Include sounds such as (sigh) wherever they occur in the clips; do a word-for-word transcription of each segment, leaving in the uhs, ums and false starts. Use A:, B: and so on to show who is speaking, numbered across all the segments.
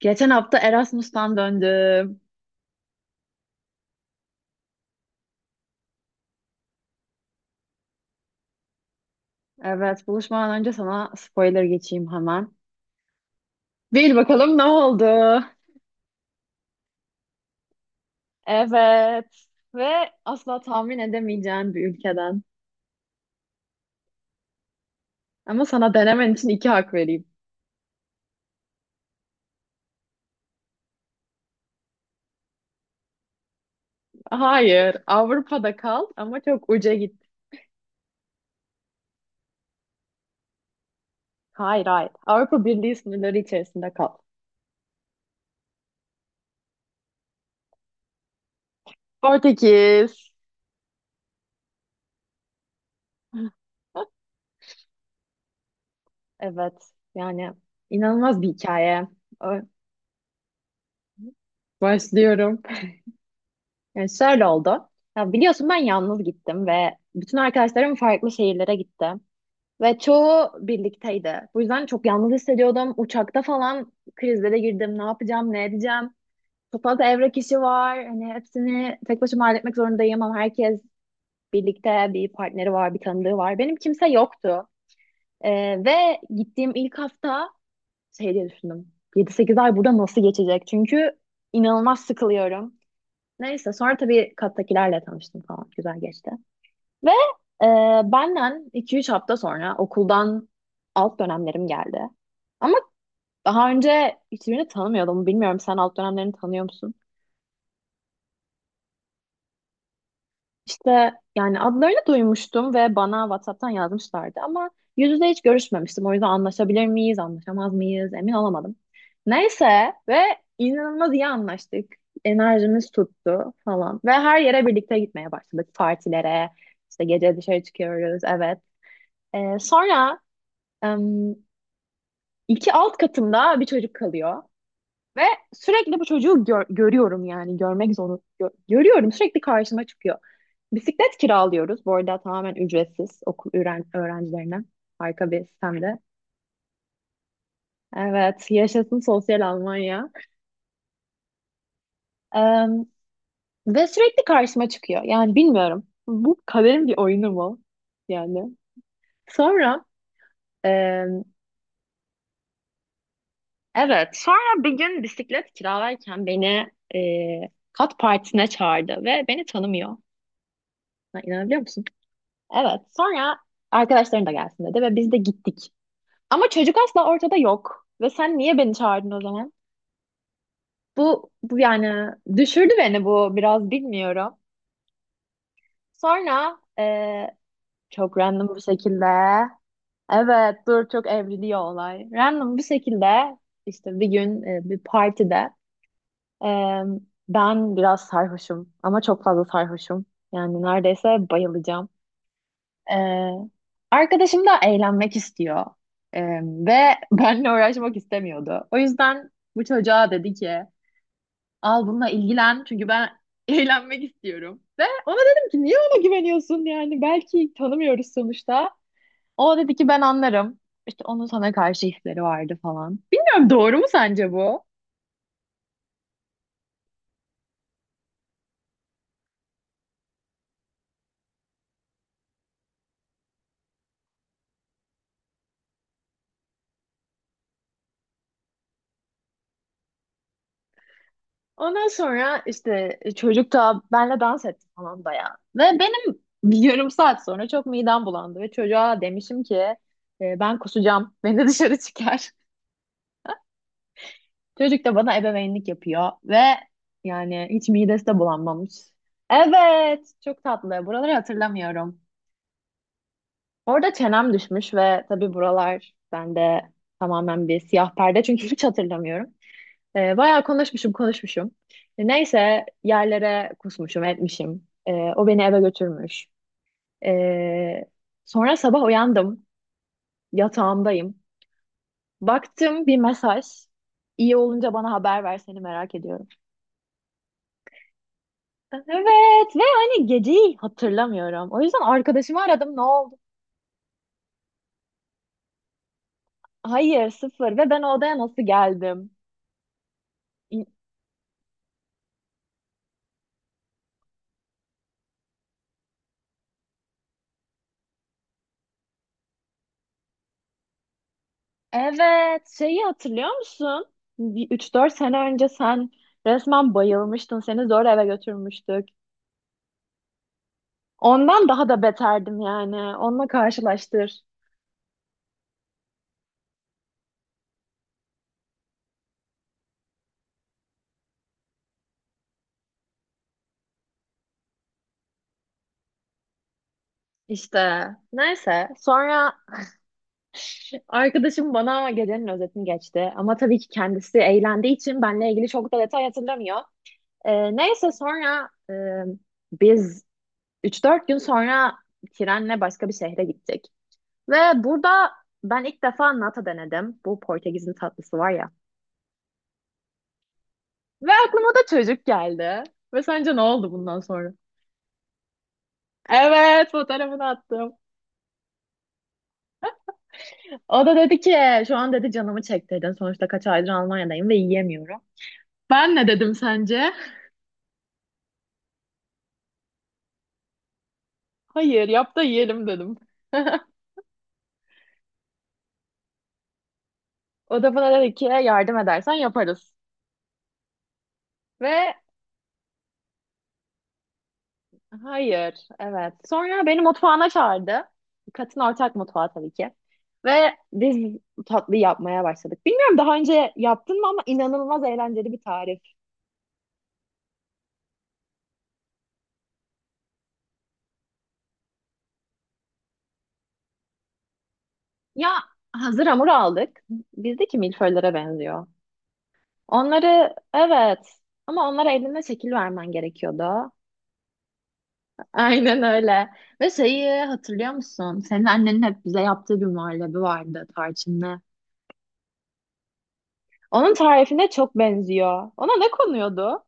A: Geçen hafta Erasmus'tan döndüm. Evet, buluşmadan önce sana spoiler geçeyim hemen. Bil bakalım ne oldu? Evet. Ve asla tahmin edemeyeceğin bir ülkeden. Ama sana denemen için iki hak vereyim. Hayır, Avrupa'da kal ama çok uca git. Hayır, hayır. Avrupa Birliği sınırları içerisinde kal. Portekiz. (laughs) Evet, yani inanılmaz bir hikaye. Ö- Başlıyorum. Yani şöyle oldu. Ya biliyorsun ben yalnız gittim ve bütün arkadaşlarım farklı şehirlere gitti. Ve çoğu birlikteydi. Bu yüzden çok yalnız hissediyordum. Uçakta falan krizlere girdim. Ne yapacağım, ne edeceğim? Çok fazla evrak işi var. Hani hepsini tek başıma halletmek zorundayım ama herkes birlikte bir partneri var, bir tanıdığı var. Benim kimse yoktu. Ee, ve gittiğim ilk hafta şey diye düşündüm. yedi sekiz ay burada nasıl geçecek? Çünkü inanılmaz sıkılıyorum. Neyse sonra tabii kattakilerle tanıştım falan. Güzel geçti. Ve e, benden iki üç hafta sonra okuldan alt dönemlerim geldi. Ama daha önce hiçbirini tanımıyordum. Bilmiyorum sen alt dönemlerini tanıyor musun? İşte yani adlarını duymuştum ve bana WhatsApp'tan yazmışlardı ama yüz yüze hiç görüşmemiştim. O yüzden anlaşabilir miyiz, anlaşamaz mıyız emin olamadım. Neyse ve inanılmaz iyi anlaştık. Enerjimiz tuttu falan ve her yere birlikte gitmeye başladık. Partilere, işte gece dışarı çıkıyoruz, evet. Ee, sonra em, iki alt katımda bir çocuk kalıyor. Ve sürekli bu çocuğu gör- görüyorum yani görmek zorunda gö- görüyorum sürekli karşıma çıkıyor. Bisiklet kiralıyoruz. Bu arada tamamen ücretsiz okul öğren öğrencilerine. Harika bir sistemde. Evet, yaşasın sosyal Almanya. Ee, ve sürekli karşıma çıkıyor. Yani bilmiyorum. Bu kaderin bir oyunu mu? Yani. Sonra e, evet, sonra bir gün bisiklet kiralarken beni e, kat partisine çağırdı ve beni tanımıyor. Ya, İnanabiliyor musun? Evet. Sonra arkadaşların da gelsin dedi ve biz de gittik. Ama çocuk asla ortada yok. Ve sen niye beni çağırdın o zaman? Bu, bu yani düşürdü beni bu biraz bilmiyorum. Sonra eee, çok random bir şekilde evet dur çok evriliyor olay. Random bir şekilde işte bir gün e, bir partide eee, ben biraz sarhoşum ama çok fazla sarhoşum. Yani neredeyse bayılacağım. Ee, arkadaşım da eğlenmek istiyor. Ee, ve (laughs) benle uğraşmak istemiyordu. O yüzden bu çocuğa dedi ki al bununla ilgilen çünkü ben (laughs) eğlenmek istiyorum. Ve ona dedim ki niye ona güveniyorsun yani belki tanımıyoruz sonuçta. O dedi ki ben anlarım. İşte onun sana karşı hisleri vardı falan. Bilmiyorum doğru mu sence bu? Ondan sonra işte e, çocuk da benle dans etti falan bayağı. Ve benim bir yarım saat sonra çok midem bulandı ve çocuğa demişim ki "E, ben kusacağım. Beni dışarı çıkar. (laughs) Çocuk da bana ebeveynlik yapıyor ve yani hiç midesi de bulanmamış. Evet, çok tatlı. Buraları hatırlamıyorum. Orada çenem düşmüş ve tabii buralar bende tamamen bir siyah perde çünkü hiç hatırlamıyorum. Ee, bayağı konuşmuşum konuşmuşum. E, Neyse yerlere kusmuşum etmişim. Ee, o beni eve götürmüş. Ee, sonra sabah uyandım. Yatağımdayım. Baktım bir mesaj. İyi olunca bana haber ver seni merak ediyorum. Evet ve hani geceyi hatırlamıyorum. O yüzden arkadaşımı aradım ne oldu? Hayır sıfır ve ben o odaya nasıl geldim? İ- Evet şeyi hatırlıyor musun? Bir üç dört sene önce sen resmen bayılmıştın. Seni zor eve götürmüştük. Ondan daha da beterdim yani. Onunla karşılaştır. İşte neyse sonra arkadaşım bana gecenin özetini geçti. Ama tabii ki kendisi eğlendiği için benle ilgili çok da detay hatırlamıyor. Ee, neyse sonra e, biz üç dört gün sonra trenle başka bir şehre gittik. Ve burada ben ilk defa nata denedim. Bu Portekiz'in tatlısı var ya. Ve aklıma da çocuk geldi. Ve sence ne oldu bundan sonra? Evet, fotoğrafını attım. O da dedi ki şu an dedi canımı çektirdin. Sonuçta kaç aydır Almanya'dayım ve yiyemiyorum. Ben ne dedim sence? Hayır yap da yiyelim dedim. (laughs) O da bana dedi ki yardım edersen yaparız. Ve hayır evet. Sonra beni mutfağına çağırdı. Katın ortak mutfağı tabii ki. Ve biz tatlı yapmaya başladık. Bilmiyorum daha önce yaptın mı ama inanılmaz eğlenceli bir tarif. Ya hazır hamur aldık. Bizdeki milföylere benziyor. Onları evet ama onlara eline şekil vermen gerekiyordu. (laughs) Aynen öyle. Ve şeyi hatırlıyor musun? Senin annenin hep bize yaptığı bir muhallebi vardı tarçınlı. Onun tarifine çok benziyor. Ona ne konuyordu?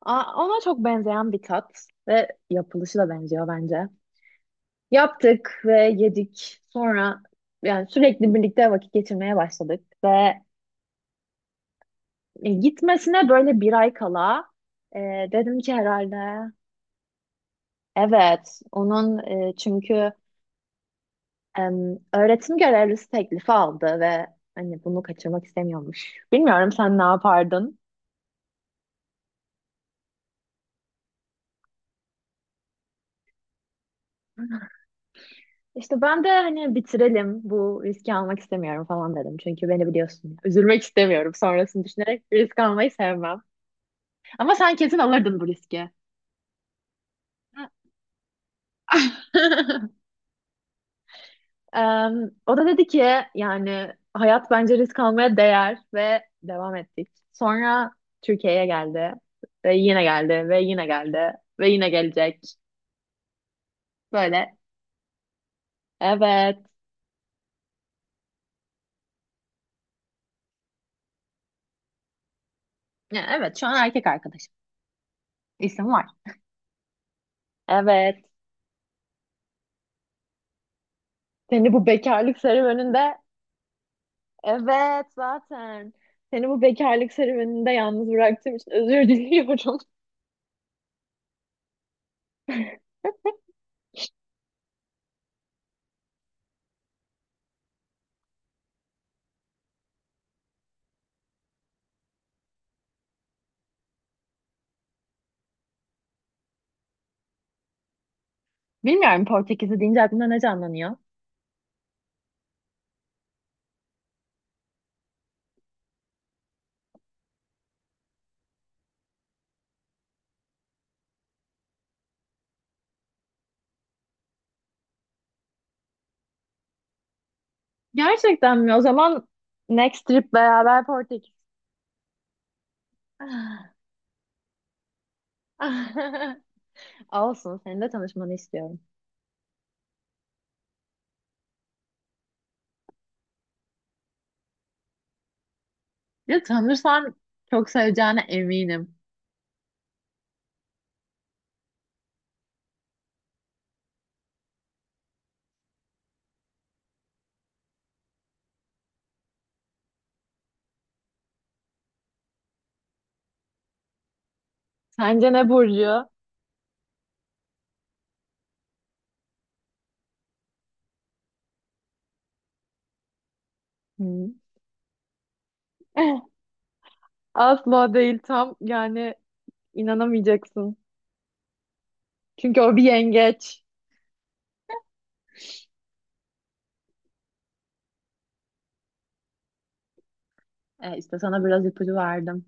A: Aa, ona çok benzeyen bir tat ve yapılışı da benziyor bence. Yaptık ve yedik. Sonra yani sürekli birlikte vakit geçirmeye başladık ve e, gitmesine böyle bir ay kala e, dedim ki herhalde. Evet, onun e, çünkü em, öğretim görevlisi teklifi aldı ve hani bunu kaçırmak istemiyormuş. Bilmiyorum sen ne yapardın? İşte ben de hani bitirelim bu riski almak istemiyorum falan dedim. Çünkü beni biliyorsun. Üzülmek istemiyorum sonrasını düşünerek risk almayı sevmem. Ama sen kesin alırdın bu riski. (laughs) Em, o da dedi ki yani hayat bence risk almaya değer ve devam ettik. Sonra Türkiye'ye geldi ve yine geldi ve yine geldi ve yine gelecek. Böyle evet. Ya, evet şu an erkek arkadaşım. İsim var. Evet. Seni bu bekarlık serüveninde evet zaten. Seni bu bekarlık serüveninde yalnız bıraktığım için özür diliyorum. (laughs) Bilmiyorum Portekiz'i deyince aklına ne canlanıyor? Gerçekten mi? O zaman next trip beraber. Ah. (laughs) Olsun, seninle tanışmanı istiyorum. Ya tanırsan çok seveceğine eminim. Sence ne Burcu? Hı. (laughs) Asla değil tam yani inanamayacaksın. Çünkü o bir yengeç. E, işte sana biraz ipucu verdim.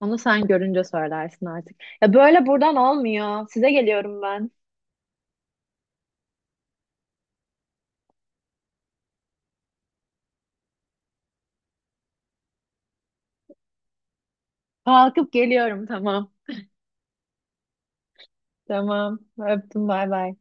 A: Onu sen görünce söylersin artık. Ya böyle buradan olmuyor. Size geliyorum ben. Kalkıp geliyorum tamam. Tamam. Öptüm. Bay bay.